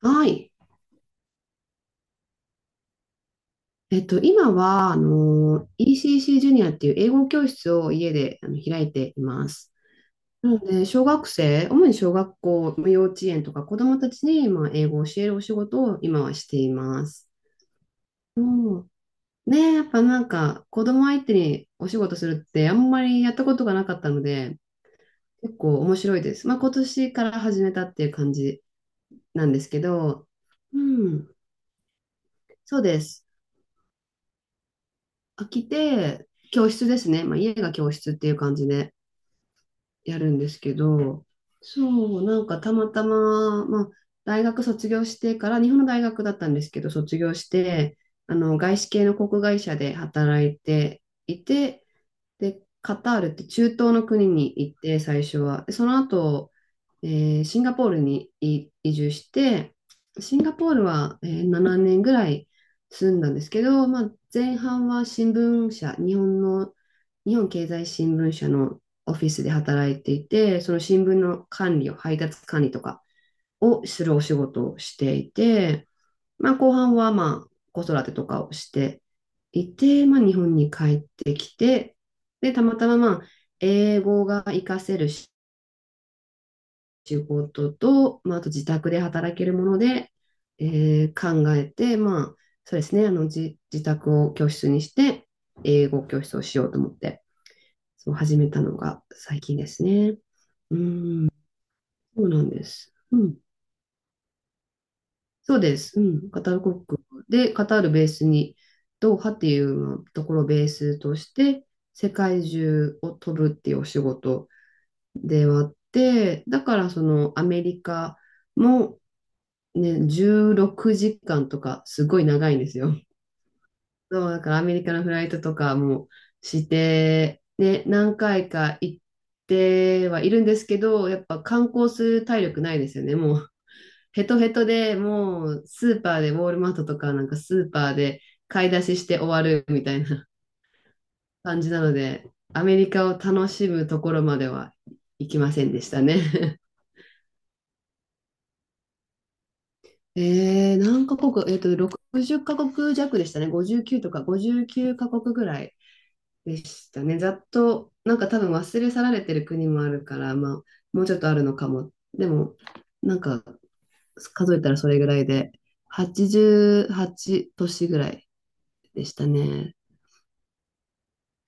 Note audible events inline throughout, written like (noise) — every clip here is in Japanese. はい。今は、ECC ジュニアっていう英語教室を家で開いています。なので、小学生、主に小学校、幼稚園とか子どもたちに、まあ、英語を教えるお仕事を今はしています。うん。ねえ、やっぱなんか、子ども相手にお仕事するってあんまりやったことがなかったので、結構面白いです。まあ、今年から始めたっていう感じなんですけど、うん、そうです。飽きて、教室ですね。まあ、家が教室っていう感じでやるんですけど、そう、なんかたまたま、まあ、大学卒業してから、日本の大学だったんですけど、卒業して、外資系の航空会社で働いていて、で、カタールって中東の国に行って、最初は。でその後、えシンガポールに移住して、シンガポールは、7年ぐらい住んだんですけど、まあ、前半は新聞社、日本の、日本経済新聞社のオフィスで働いていて、その新聞の管理を、配達管理とかをするお仕事をしていて、まあ、後半はまあ子育てとかをしていて、まあ、日本に帰ってきて、で、たまたままあ英語が活かせる仕事と、まあ、あと自宅で働けるもので、考えて、まあ、そうですね、自宅を教室にして、英語教室をしようと思って、そう始めたのが最近ですね。うん、そうなんです。うん。そうです。うん。カタール国で、カタールベースに、ドーハっていうところをベースとして、世界中を飛ぶっていうお仕事ではあって、だからそのアメリカもね、16時間とかすごい長いんですよ。そう、だからアメリカのフライトとかもして、ね、何回か行ってはいるんですけど、やっぱ観光する体力ないですよね、もう。ヘトヘトでもうスーパーでウォールマートとかなんかスーパーで買い出しして終わるみたいな (laughs) 感じなので、アメリカを楽しむところまでは行きませんでしたね。(laughs) 何カ国、60カ国弱でしたね。59とか59カ国ぐらいでしたね。ざっと、なんか多分忘れ去られてる国もあるから、まあ、もうちょっとあるのかも。でも、なんか数えたらそれぐらいで、88都市ぐらいでしたね。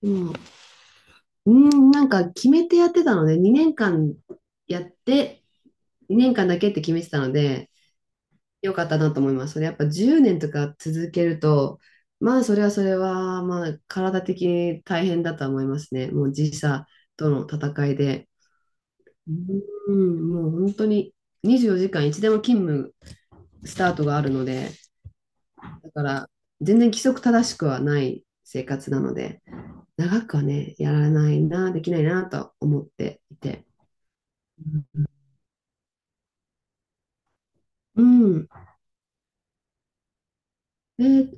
でも、うん、なんか決めてやってたので、2年間やって、2年間だけって決めてたので、よかったなと思います。それやっぱ10年とか続けると、まあそれはそれは、まあ体的に大変だとは思いますね。もう時差との戦いで。うん、もう本当に24時間いつでも勤務スタートがあるので、だから全然規則正しくはない生活なので。長くはね、やらないな、できないなと思っていて。うん。で、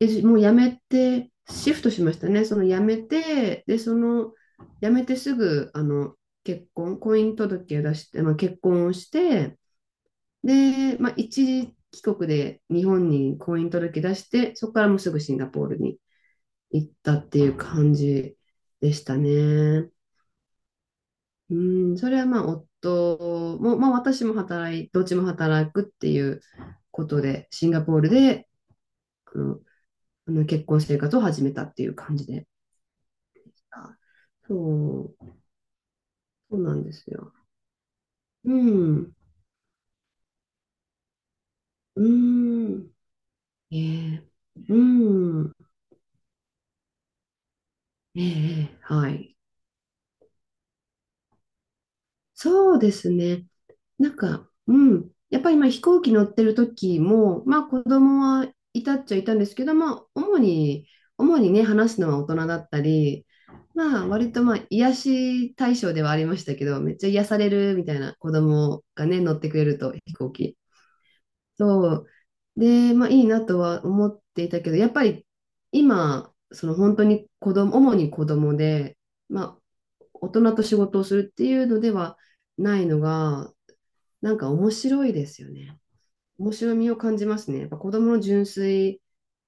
もう辞めて、シフトしましたね。その辞めて、で、その辞めてすぐ、結婚、婚姻届を出して、まあ、結婚をして、で、まあ、一時帰国で日本に婚姻届出して、そこからもうすぐシンガポールに行ったっていう感じでしたね。うん、それはまあ夫も、まあ私もどっちも働くっていうことで、シンガポールで、あの、あの結婚生活を始めたっていう感じで。あそう、そうなんですよ。うん、うん、ええ、うん、ええ、はい。そうですね。なんか、うん。やっぱりまあ飛行機乗ってる時も、まあ子供はいたっちゃいたんですけど、まあ主にね、話すのは大人だったり、まあ割とまあ癒し対象ではありましたけど、めっちゃ癒されるみたいな子供がね、乗ってくれると飛行機。そう。で、まあいいなとは思っていたけど、やっぱり今、その本当に子供、主に子供で、まあ大人と仕事をするっていうのではないのが、なんか面白いですよね。面白みを感じますね。やっぱ子供の純粋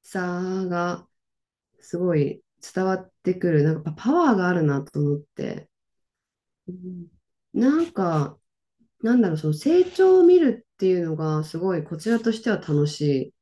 さがすごい伝わってくる。なんかやっぱパワーがあるなと思って。うん。なんか、なんだろう、その成長を見るっていうのがすごいこちらとしては楽しい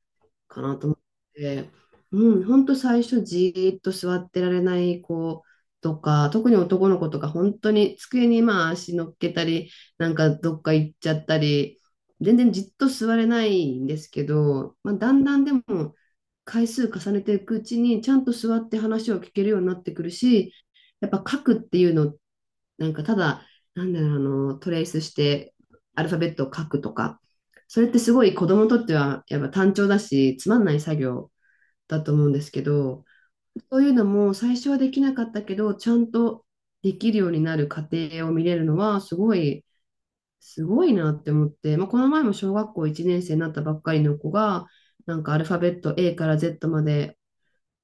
かなと思って、うん、ほんと最初じーっと座ってられない子とか、特に男の子とか本当に机にまあ足乗っけたり、なんかどっか行っちゃったり、全然じっと座れないんですけど、まあ、だんだんでも回数重ねていくうちにちゃんと座って話を聞けるようになってくるし、やっぱ書くっていうのなんかただ、なんだろう、トレースしてアルファベットを書くとか、それってすごい子供にとってはやっぱ単調だし、つまんない作業だと思うんですけど、そういうのも最初はできなかったけど、ちゃんとできるようになる過程を見れるのは、すごいなって思って、まあ、この前も小学校1年生になったばっかりの子が、なんかアルファベット A から Z まで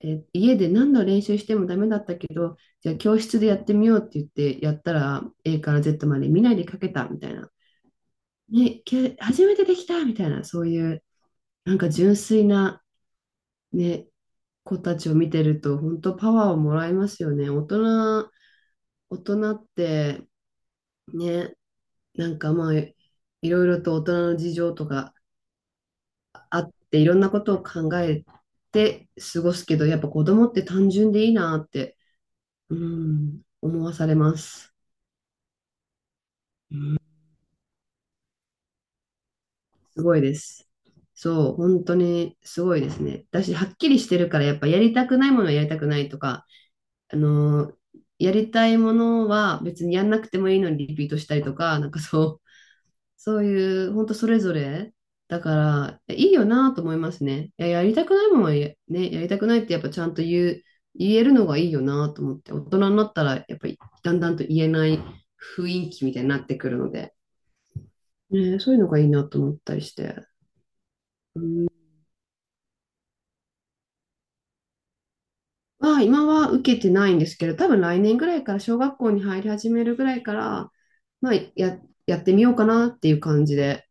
家で何度練習してもダメだったけど、じゃあ教室でやってみようって言ってやったら A から Z まで見ないで書けたみたいな。初めてできたみたいな、そういうなんか純粋な、ね、子たちを見てると本当パワーをもらいますよね。大人ってね、なんかまあいろいろと大人の事情とかあっていろんなことを考えて過ごすけど、やっぱ子供って単純でいいなって、うん、思わされます。すごいです。そう、本当にすごいですね。私、はっきりしてるから、やっぱやりたくないものはやりたくないとか、あのーやりたいものは別にやんなくてもいいのにリピートしたりとか、なんかそう、そういう、本当それぞれ、だから、いいよなと思いますね。いや、やりたくないものはやりたくないってやっぱちゃんと言えるのがいいよなと思って、大人になったら、やっぱりだんだんと言えない雰囲気みたいになってくるので、ね、そういうのがいいなと思ったりして。うん。は、今は受けてないんですけど、多分来年ぐらいから小学校に入り始めるぐらいから、まあ、やってみようかなっていう感じで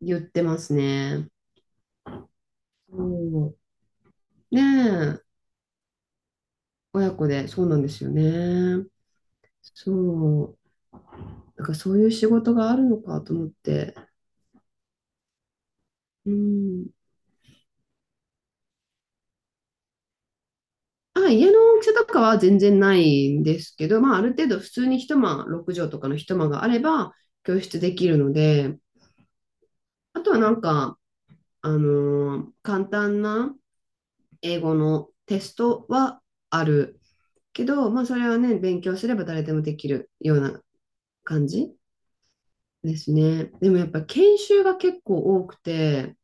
言ってますね。そう。ねえ、親子で、そうなんですよね。そう。なんかそういう仕事があるのかと思って。うん。あ、家の大きさとかは全然ないんですけど、まあ、ある程度普通に一間、六畳とかの一間があれば教室できるので、あとはなんか、あの簡単な英語のテストはあるけど、まあ、それはね、勉強すれば誰でもできるような感じですね。でもやっぱ研修が結構多くて、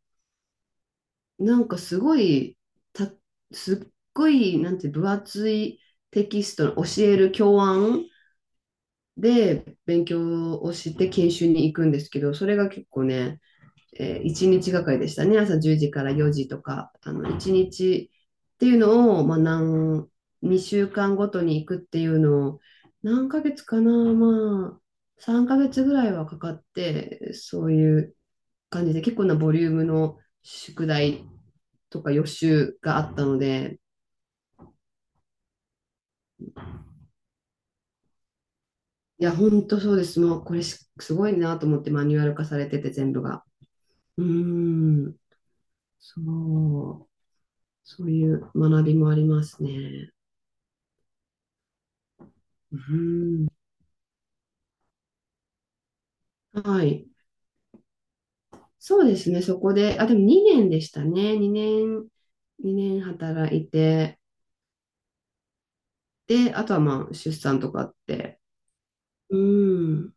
なんかすごい、た、すっごい、なんて分厚いテキストの教える教案で勉強をして研修に行くんですけど、それが結構ね、1日がかりでしたね。朝10時から4時とか、あの1日っていうのを、まあ、何、2週間ごとに行くっていうのを、何ヶ月かな、まあ、3ヶ月ぐらいはかかって、そういう感じで結構なボリュームの宿題とか予習があったので。いや、本当そうです。もうこれしすごいなと思ってマニュアル化されてて全部が。うーん、そう、そういう学びもありますね。うん、はい。そうですね、そこで、あ、でも2年でしたね。2年、2年働いて、で、あとはまあ、出産とかあって。うん。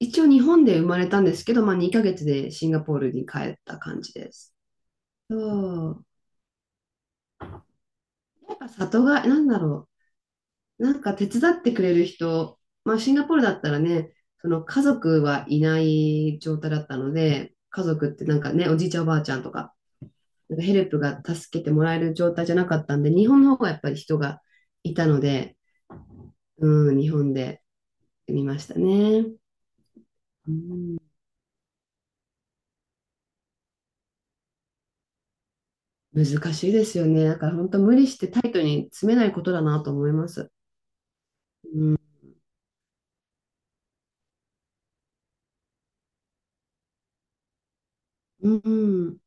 一応日本で生まれたんですけど、まあ2ヶ月でシンガポールに帰った感じです。そう。やっぱ里が、なんだろう。なんか手伝ってくれる人、まあシンガポールだったらね、その家族はいない状態だったので、家族ってなんかね、おじいちゃんおばあちゃんとか、なんかヘルプが助けてもらえる状態じゃなかったんで、日本の方がやっぱり人がいたので、うん、日本で見ましたね。うん、難しいですよね。だから本当無理してタイトに詰めないことだなと思います。うん、うん、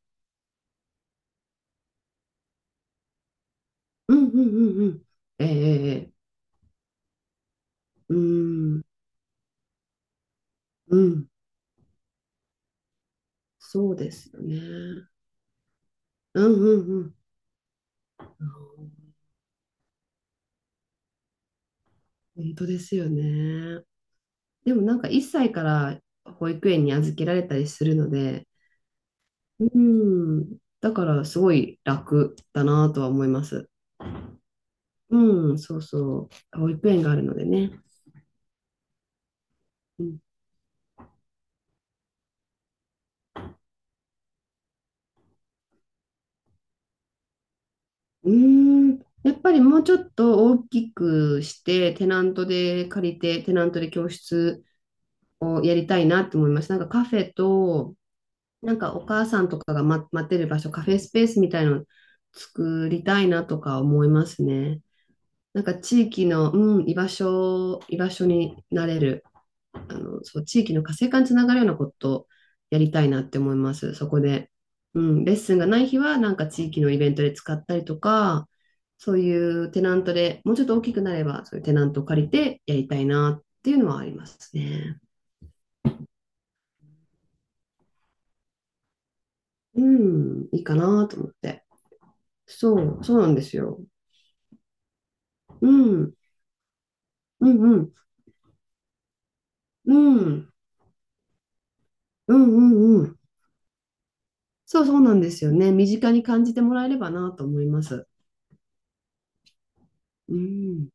うんうんうんうんうん、ええええ、うん、うん、そうですよね。うんうんうん。本当ですよね。でもなんか1歳から保育園に預けられたりするので、うん。だから、すごい楽だなとは思います。うん、そうそう。保育園があるのでね。うん。うーん、やっぱりもうちょっと大きくして、テナントで借りて、テナントで教室をやりたいなって思います。なんかカフェと、なんかお母さんとかが、待ってる場所、カフェスペースみたいの作りたいなとか思いますね。なんか地域の、うん、居場所、居場所になれる。あの、そう、地域の活性化につながるようなことをやりたいなって思います。そこで。うん、レッスンがない日は、なんか地域のイベントで使ったりとか、そういうテナントで、もうちょっと大きくなれば、そういうテナントを借りてやりたいなっていうのはありますね。うん、いいかなと思って。そう、そうなんですよ。うん、うん、うん、うん、うん、うん、うん。そう、そうなんですよね。身近に感じてもらえればなと思います。うん。